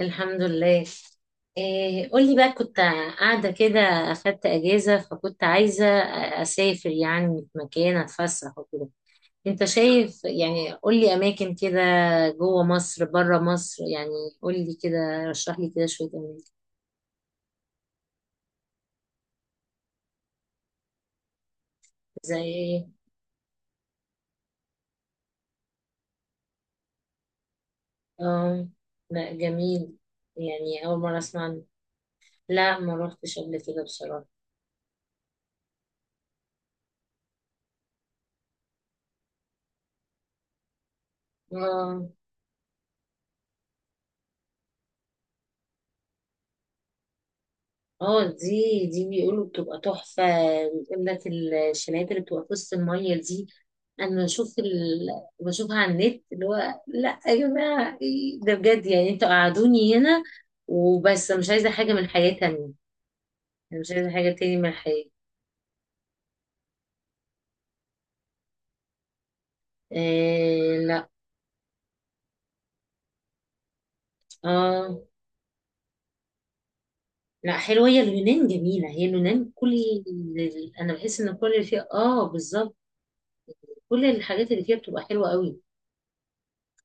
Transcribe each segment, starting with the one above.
الحمد لله. إيه قولي بقى، كنت قاعدة كده، أخدت أجازة فكنت عايزة أسافر يعني في مكان أتفسح وكده. أنت شايف يعني، قولي أماكن كده، جوه مصر بره مصر يعني. قولي كده، رشح لي كده شوية أماكن. زي إيه؟ آه لا جميل، يعني أول مرة أسمع عنه. لا ما روحتش قبل كده بصراحة. آه. اه دي بيقولوا بتبقى تحفة. بيقول لك الشنايات اللي بتبقى في وسط المية دي. أنا بشوف ال... بشوفها على النت، اللي هو لأ يا جماعة إيه ده بجد، يعني انتوا قعدوني هنا وبس، أنا مش عايزة حاجة من الحياة تانية. أنا مش عايزة حاجة تاني من الحياة. إيه لأ. اه لأ، حلوة هي اليونان، جميلة هي اليونان. أنا بحس إن كل اللي فيها بالظبط. كل الحاجات اللي فيها بتبقى حلوة قوي.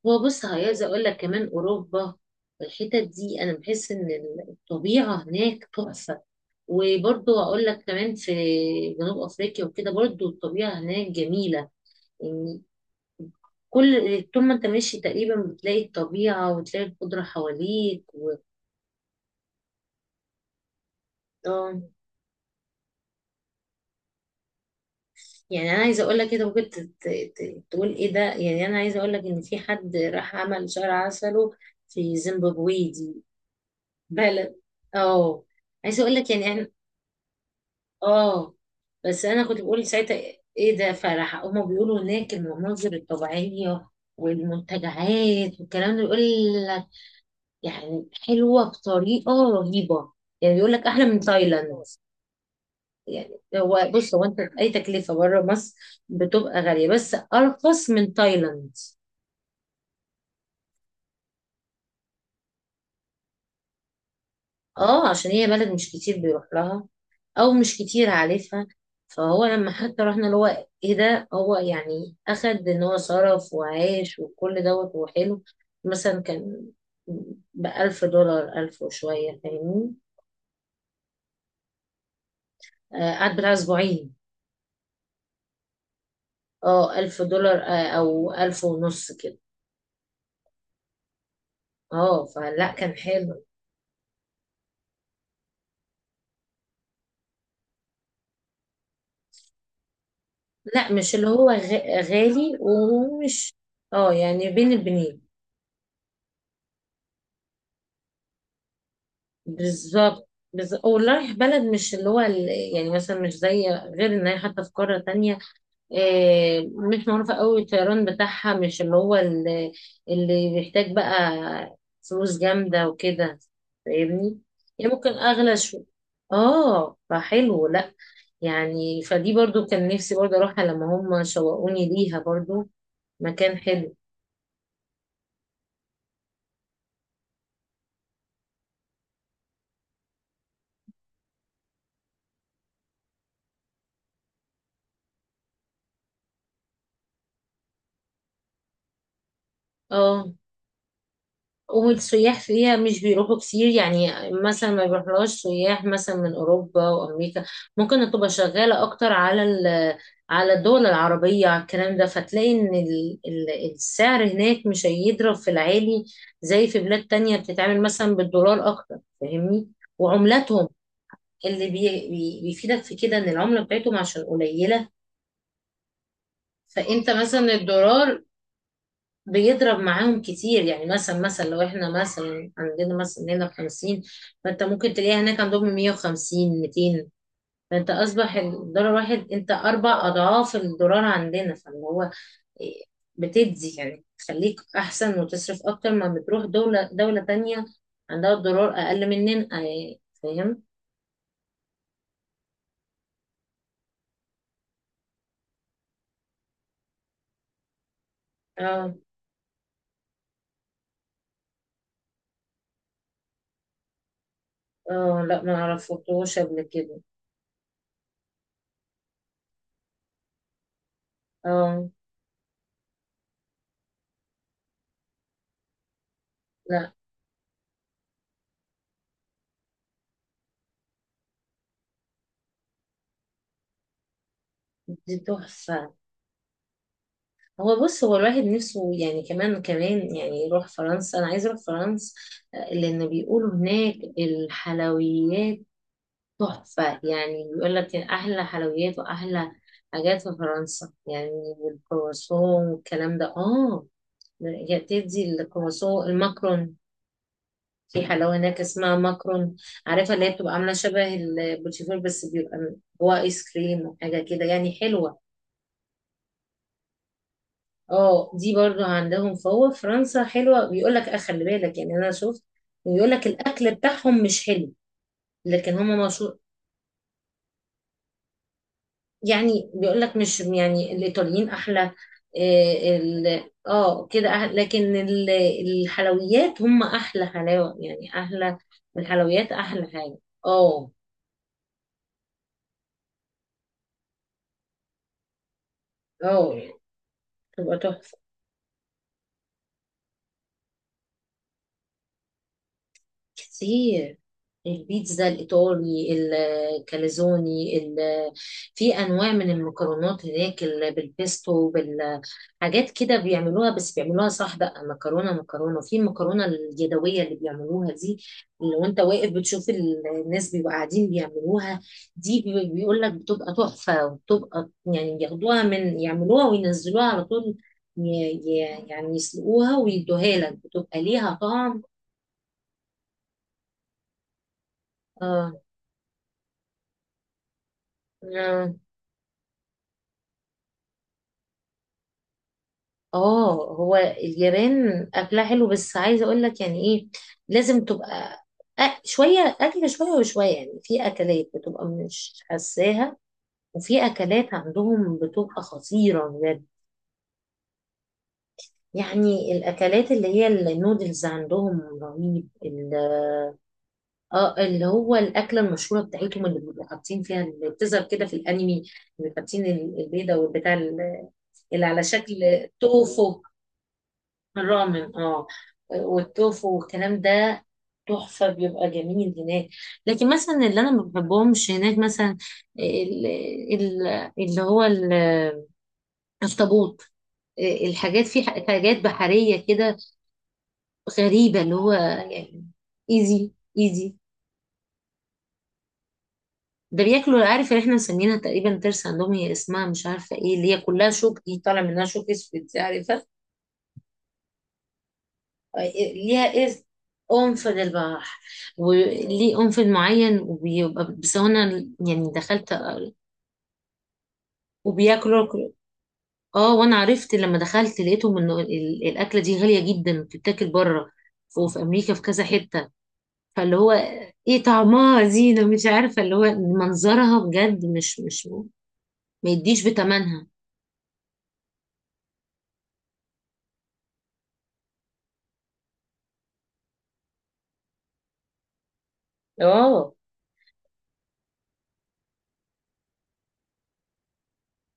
هو بص، عايزة اقول لك كمان اوروبا. الحتت دي انا بحس ان الطبيعة هناك تحفة. وبرضو اقول لك كمان في جنوب افريقيا وكده، برضو الطبيعة هناك جميلة يعني. كل طول ما انت ماشي تقريبا بتلاقي الطبيعة وتلاقي الخضرة حواليك آه. يعني انا عايزة اقول لك كده، ممكن تقول ايه ده. يعني انا عايزة اقول لك ان في حد راح عمل شهر عسله في زيمبابوي دي. بلد. اه. عايزة اقول لك يعني. اه، بس انا كنت بقول ساعتها ايه ده فرح، هما بيقولوا هناك المناظر الطبيعيه والمنتجعات والكلام ده، يقول لك يعني حلوه بطريقه رهيبه. يعني بيقول لك احلى من تايلاند. يعني هو بص، هو انت اي تكلفه بره مصر بتبقى غاليه، بس ارخص من تايلاند. اه عشان هي بلد مش كتير بيروح لها، او مش كتير عارفها. فهو لما حتى رحنا اللي هو ايه ده، هو يعني اخد ان هو صرف وعاش وكل دوت وحلو. مثلا كان بألف دولار، ألف وشوية، فاهمني؟ قعد بتاع أسبوعين. اه ألف دولار، أو ألف ونص كده. اه فلا كان حلو. لا مش اللي هو غالي ومش. اه يعني بين البنين. بالظبط. ورايح بلد مش اللي هو ال... يعني مثلا مش زي، غير ان هي حتى في قارة تانية. مش معروفة قوي الطيران بتاعها، مش اللي هو اللي، اللي بيحتاج بقى فلوس جامدة وكده، فاهمني؟ يعني ممكن اغلى شو. اه فحلو لا، يعني فدي برضو كان نفسي برضو اروحها لما هم شوقوني ليها برضو. مكان حلو. اه والسياح فيها مش بيروحوا كتير يعني، مثلا ما بيروحلهاش سياح مثلا من أوروبا وأمريكا. ممكن تبقى شغالة أكتر على على الدول العربية، على الكلام ده، فتلاقي إن السعر هناك مش هيضرب في العالي زي في بلاد تانية بتتعامل مثلا بالدولار أكتر، فاهمني؟ وعملاتهم اللي بيفيدك في كده إن العملة بتاعتهم عشان قليلة. فأنت مثلا الدولار بيضرب معاهم كتير. يعني مثلا لو احنا مثلا عندنا مثلا هنا بخمسين، فانت ممكن تلاقيها هناك عندهم مية وخمسين، ميتين. فانت اصبح الدولار واحد، انت اربع اضعاف الدولار عندنا، فاللي هو إيه، بتدي يعني تخليك احسن وتصرف اكتر ما بتروح دولة تانية عندها الدولار اقل مننا، فاهم؟ اه. اه لا ما عرفتوش قبل كده. اه. لا دي تحفة. هو بص، هو الواحد نفسه يعني كمان يعني يروح فرنسا، انا عايز اروح فرنسا. لان بيقولوا هناك الحلويات تحفة. يعني بيقول لك احلى حلويات واحلى حاجات في فرنسا يعني، والكرواسون والكلام ده اه. يا بتدي الكرواسون، الماكرون، في حلاوة هناك اسمها ماكرون. عارفة اللي هي بتبقى عاملة شبه البوتيفور بس بيبقى جواه ايس كريم وحاجة كده، يعني حلوة. اه. دي برضو عندهم، فهو فرنسا حلوة. بيقول لك اه خلي بالك، يعني انا شفت، ويقول لك الاكل بتاعهم مش حلو، لكن هم مشهور. يعني بيقول لك مش يعني، الايطاليين احلى. إيه اه كده أحلى، لكن الحلويات هم احلى حلاوة، يعني احلى الحلويات احلى حاجة. اه. اه تبقى تحفة. كتير البيتزا الإيطالي، الكاليزوني ال-. في أنواع من المكرونات هناك بالبيستو، بالحاجات كده بيعملوها، بس بيعملوها صح بقى. مكرونة في المكرونة اليدوية اللي بيعملوها دي، اللي وانت واقف بتشوف الناس بيبقوا قاعدين بيعملوها دي. بيقول لك بتبقى تحفة، وبتبقى يعني بياخدوها من يعملوها وينزلوها على طول. ي- يعني يسلقوها ويدوها لك، بتبقى ليها طعم. اه. آه. اه هو اليابان اكلها حلو، بس عايزه اقول لك يعني ايه، لازم تبقى شويه اكل شويه وشويه. يعني في اكلات بتبقى مش حساها، وفي اكلات عندهم بتبقى خطيره بجد. يعني الاكلات اللي هي النودلز عندهم رهيب ال-. اه اللي هو الاكله المشهوره بتاعتهم اللي بيبقوا حاطين فيها، اللي بتظهر كده في الانمي، اللي حاطين البيضه والبتاع ال-، اللي على شكل توفو. الرامن اه، والتوفو والكلام ده تحفة، بيبقى جميل هناك. لكن مثلا اللي انا ما بحبهمش هناك مثلا ال- ال- اللي هو ال- الطابوت، الحاجات في حاجات بحرية كده، غريبة. اللي هو يعني ايزي ايزي. ده بياكلوا، عارف اللي احنا مسمينها تقريبا ترس عندهم، هي اسمها مش عارفة ايه، اللي هي كلها شوك دي، طالع منها شوك اسود، عارفة؟ ليها إذ، أنف للبحر، وليه أنف معين وبيبقى، بس هو أنا يعني دخلت، وبياكلوا اه وانا عرفت لما دخلت لقيتهم ان الاكله دي غاليه جدا، بتتاكل بره وفي امريكا في كذا حته. فاللي هو ايه، طعمها زينه، مش عارفه اللي هو منظرها بجد مش ما يديش بتمنها. اه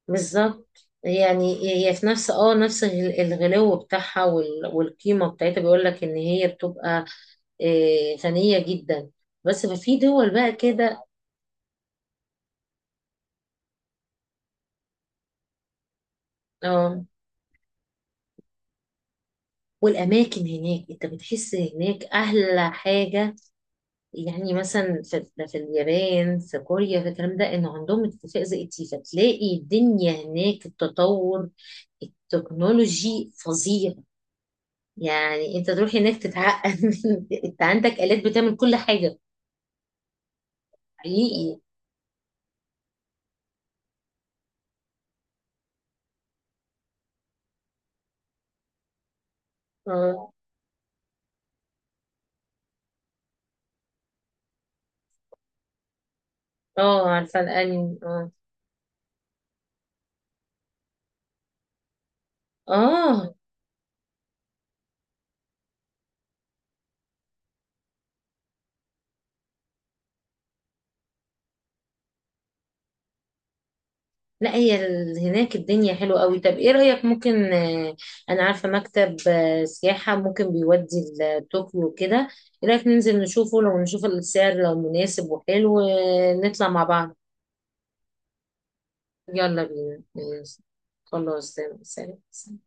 بالظبط يعني. هي في نفس اه نفس الغلو بتاعها والقيمة بتاعتها، بيقول لك ان هي بتبقى غنية جدا. بس ففي دول بقى كده. اه والاماكن هناك، انت بتحس هناك احلى حاجة. يعني مثلا في اليابان، في كوريا، في الكلام ده، انه عندهم اتفاق زي التيفا، تلاقي الدنيا هناك التطور التكنولوجي فظيع. يعني انت تروح هناك تتعقد انت عندك آلات بتعمل كل حاجة. حقيقي. اه. اه عارفة الأنمي اه. اه لا هي ال- هناك الدنيا حلوة قوي. طب ايه رأيك؟ ممكن انا عارفة مكتب سياحة ممكن بيودي لطوكيو كده. ايه رأيك ننزل نشوفه، لو نشوف السعر لو مناسب وحلو، نطلع مع بعض. يلا بينا ماشي. خلاص، سلام سلام.